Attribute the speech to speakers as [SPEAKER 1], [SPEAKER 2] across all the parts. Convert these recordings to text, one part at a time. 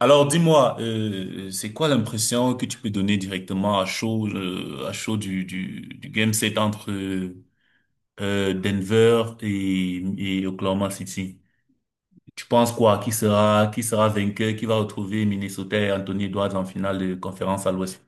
[SPEAKER 1] Alors dis-moi, c'est quoi l'impression que tu peux donner directement à chaud du game set entre Denver et, Oklahoma City? Tu penses quoi? Qui sera vainqueur? Qui va retrouver Minnesota et Anthony Edwards en finale de conférence à l'Ouest?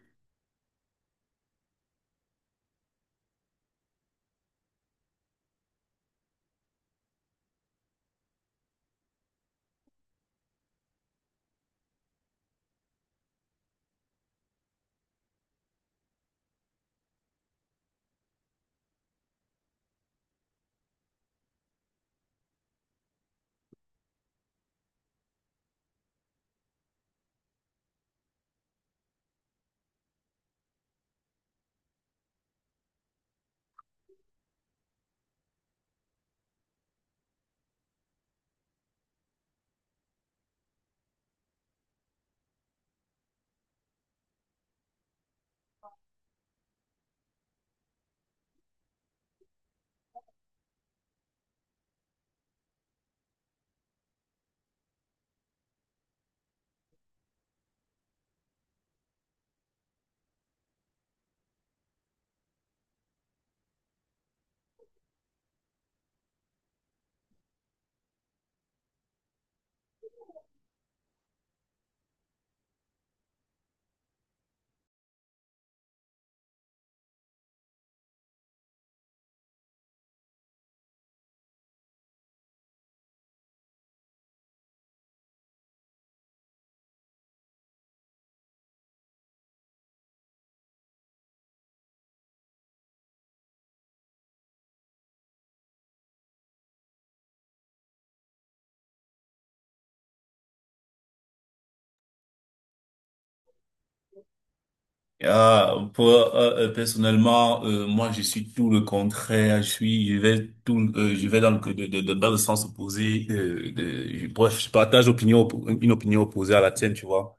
[SPEAKER 1] Personnellement, moi je suis tout le contraire. Je suis, je vais tout, je vais dans le, dans le sens opposé. Bref, je partage opinion, oppo- une opinion opposée à la tienne, tu vois.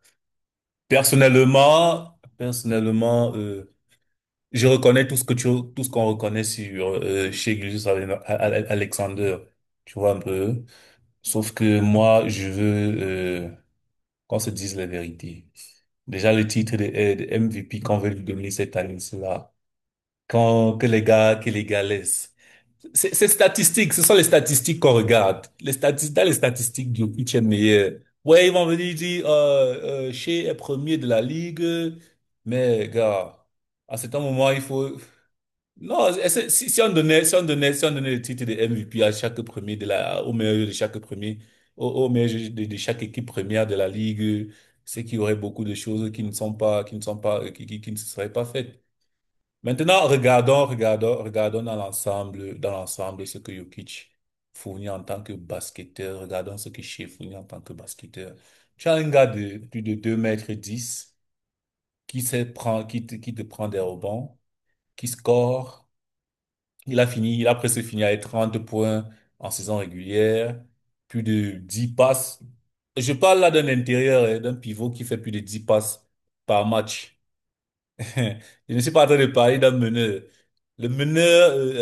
[SPEAKER 1] Personnellement, je reconnais tout ce qu'on reconnaît sur chez Gilgeous Alexander. Tu vois un peu. Sauf que moi, je veux qu'on se dise la vérité. Déjà le titre de MVP qu'on veut lui donner cette année, c'est là. Quand que les gars laissent. C'est statistique, ce sont les statistiques qu'on regarde. Les statistiques, dans les statistiques, Jokic est meilleur. Ouais, ils vont venir dire, Shea est premier de la ligue, mais gars, à cet moment, il faut… Non, si, on donnait, le titre de MVP à chaque premier de la, au meilleur de chaque premier, au meilleur de chaque équipe première de la ligue, c'est qu'il y aurait beaucoup de choses qui ne sont pas, qui ne sont pas, qui ne seraient pas faites. Maintenant, regardons dans l'ensemble ce que Jokic fournit en tant que basketteur. Regardons ce que Shea fournit en tant que basketteur. Tu as un gars de plus de 2 m 10 qui te prend des rebonds, qui score. Il a presque fini avec 30 points en saison régulière, plus de 10 passes. Je parle là d'un intérieur, hein, d'un pivot qui fait plus de 10 passes par match. Je ne suis pas en train de parler d'un meneur. Le meneur euh,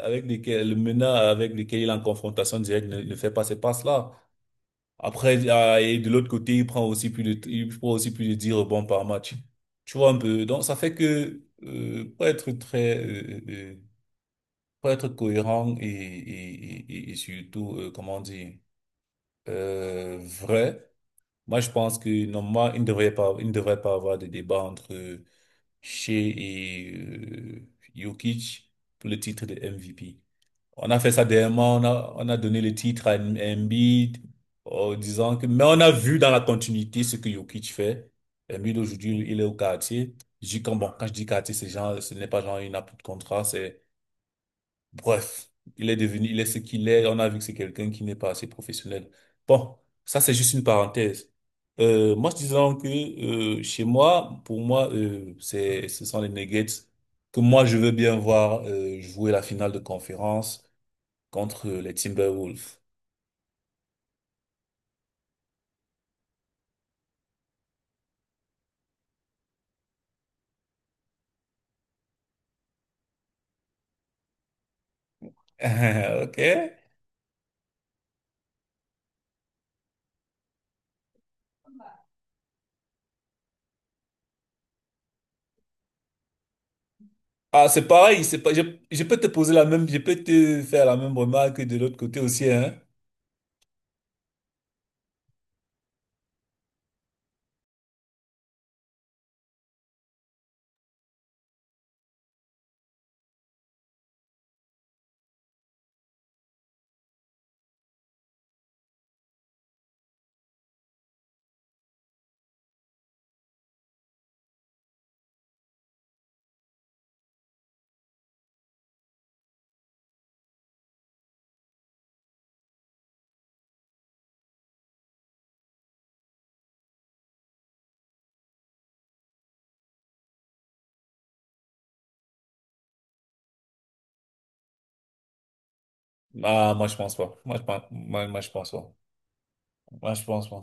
[SPEAKER 1] euh, avec lequel, le meneur avec lequel il est en confrontation directe ne fait pas ces passes-là. Après, et de l'autre côté, il prend aussi plus de 10 rebonds par match. Tu vois un peu. Donc, ça fait que, pour être pour être cohérent et surtout, comment dire, vrai, moi, je pense que normalement, il ne devrait pas avoir de débat entre chez Jokic pour le titre de MVP. On a fait ça dernièrement, on a donné le titre à Embiid en disant que, mais on a vu dans la continuité ce que Jokic fait. Embiid aujourd'hui, il est au quartier. Je dis quand, bon, quand je dis quartier, c'est genre, ce n'est pas genre une appui de contrat, c'est… Bref, il est devenu, il est ce qu'il est. On a vu que c'est quelqu'un qui n'est pas assez professionnel. Bon, ça c'est juste une parenthèse. Moi, je disais donc que chez moi, pour moi, ce sont les Nuggets que moi je veux bien voir jouer la finale de conférence contre les Timberwolves. Ok? Ah, c'est pareil, c'est pas, je peux te poser la même, je peux te faire la même remarque de l'autre côté aussi, hein. Ah, moi, je pense pas. Moi, je pense pas. Moi, je pense pas.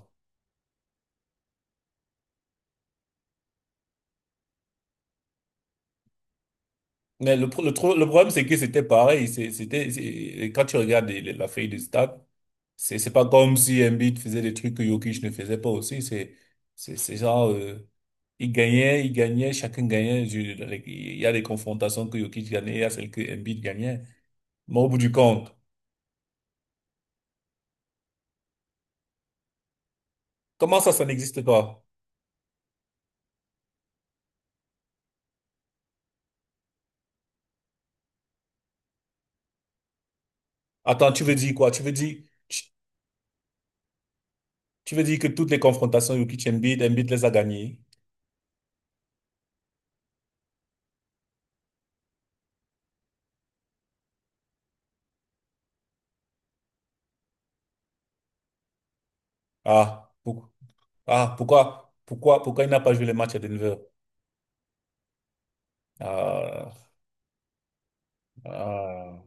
[SPEAKER 1] Mais le problème, c'est que c'était pareil. Et quand tu regardes la feuille de stats, c'est pas comme si Embiid faisait des trucs que Jokic ne faisait pas aussi. C'est genre, il gagnait, chacun gagnait. Il y a des confrontations que Jokic gagnait, il y a celles que Embiid gagnait. Mais au bout du compte, comment ça, ça n'existe pas? Attends, tu veux dire quoi? Tu, tu veux dire que toutes les confrontations Jokic-Embiid, Embiid les a gagnées? Ah, pour- ah, pourquoi il n'a pas joué les matchs à Denver? Ah, ah.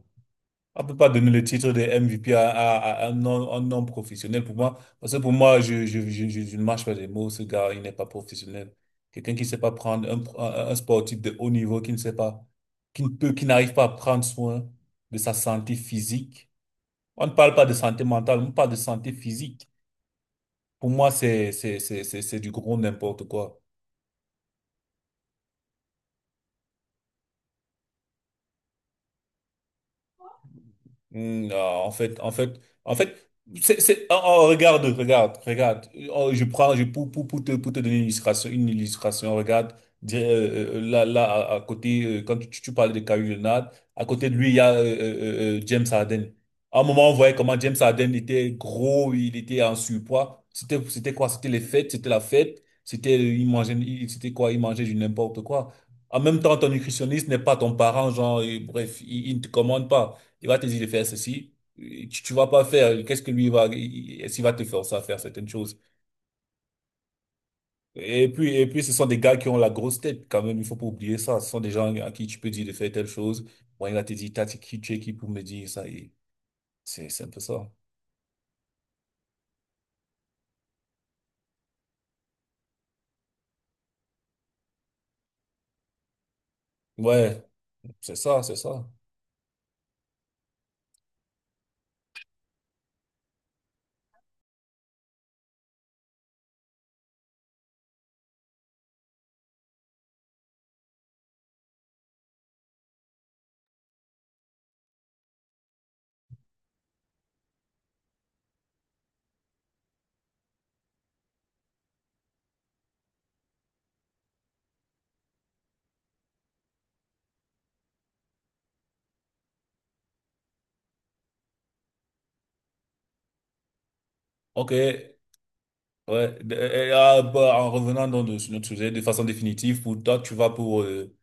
[SPEAKER 1] On ne peut pas donner le titre de MVP à, à un non professionnel pour moi. Parce que pour moi, je ne marche pas des mots. Ce gars, il n'est pas professionnel. Quelqu'un qui ne sait pas prendre un sportif de haut niveau, qui ne sait pas, qui ne peut, qui n'arrive pas à prendre soin de sa santé physique. On ne parle pas de santé mentale, on parle de santé physique. Pour moi, c'est du gros n'importe quoi. Hmm, non, en fait, oh, regarde, regarde. Oh, je prends, je, pour te donner une illustration, regarde, là, à côté, quand tu parlais de Kawhi Leonard, à côté de lui, il y a James Harden. À un moment, on voyait comment James Harden était gros, il était en surpoids. C'était quoi? C'était les fêtes, c'était la fête, il mangeait, c'était quoi? Il mangeait du n'importe quoi. En même temps, ton nutritionniste n'est pas ton parent, genre, et bref, il ne te commande pas. Il va te dire de faire ceci. Tu vas pas faire. Qu'est-ce que lui va, est-ce qu'il va te forcer à faire certaines choses? Et puis, ce sont des gars qui ont la grosse tête quand même. Il faut pas oublier ça. Ce sont des gens à qui tu peux dire de faire telle chose. Bon, il va te dire, t'as dit qui tu es qui pour me dire ça. Et c'est un peu ça. Ouais, c'est ça. Ok. Ouais. En revenant sur notre sujet de façon définitive, pour toi, tu vas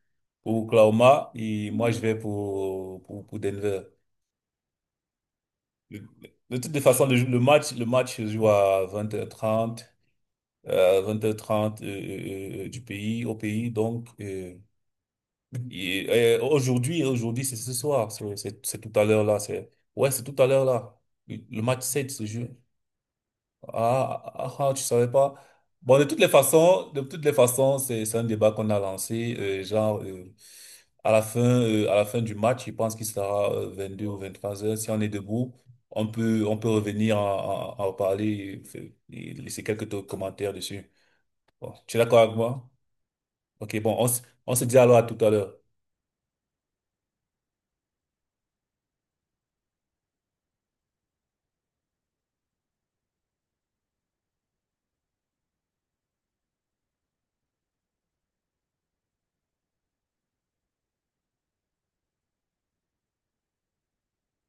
[SPEAKER 1] pour Oklahoma et moi, je vais pour Denver. De, de toutes les façons, le match se joue à vingt h 30 20h30 du pays, au pays. Donc, et aujourd'hui, aujourd'hui, c'est ce soir. C'est tout à l'heure là. Ouais, c'est tout à l'heure là. Le match 7 se joue. Ah, tu savais pas. Bon, de toutes les façons, c'est un débat qu'on a lancé. À la fin, à la fin du match, je pense qu'il sera 22 ou 23 heures. Si on est debout, on peut revenir en parler et, et laisser quelques commentaires dessus. Bon, tu es d'accord avec moi? Ok, bon, on se dit alors à tout à l'heure.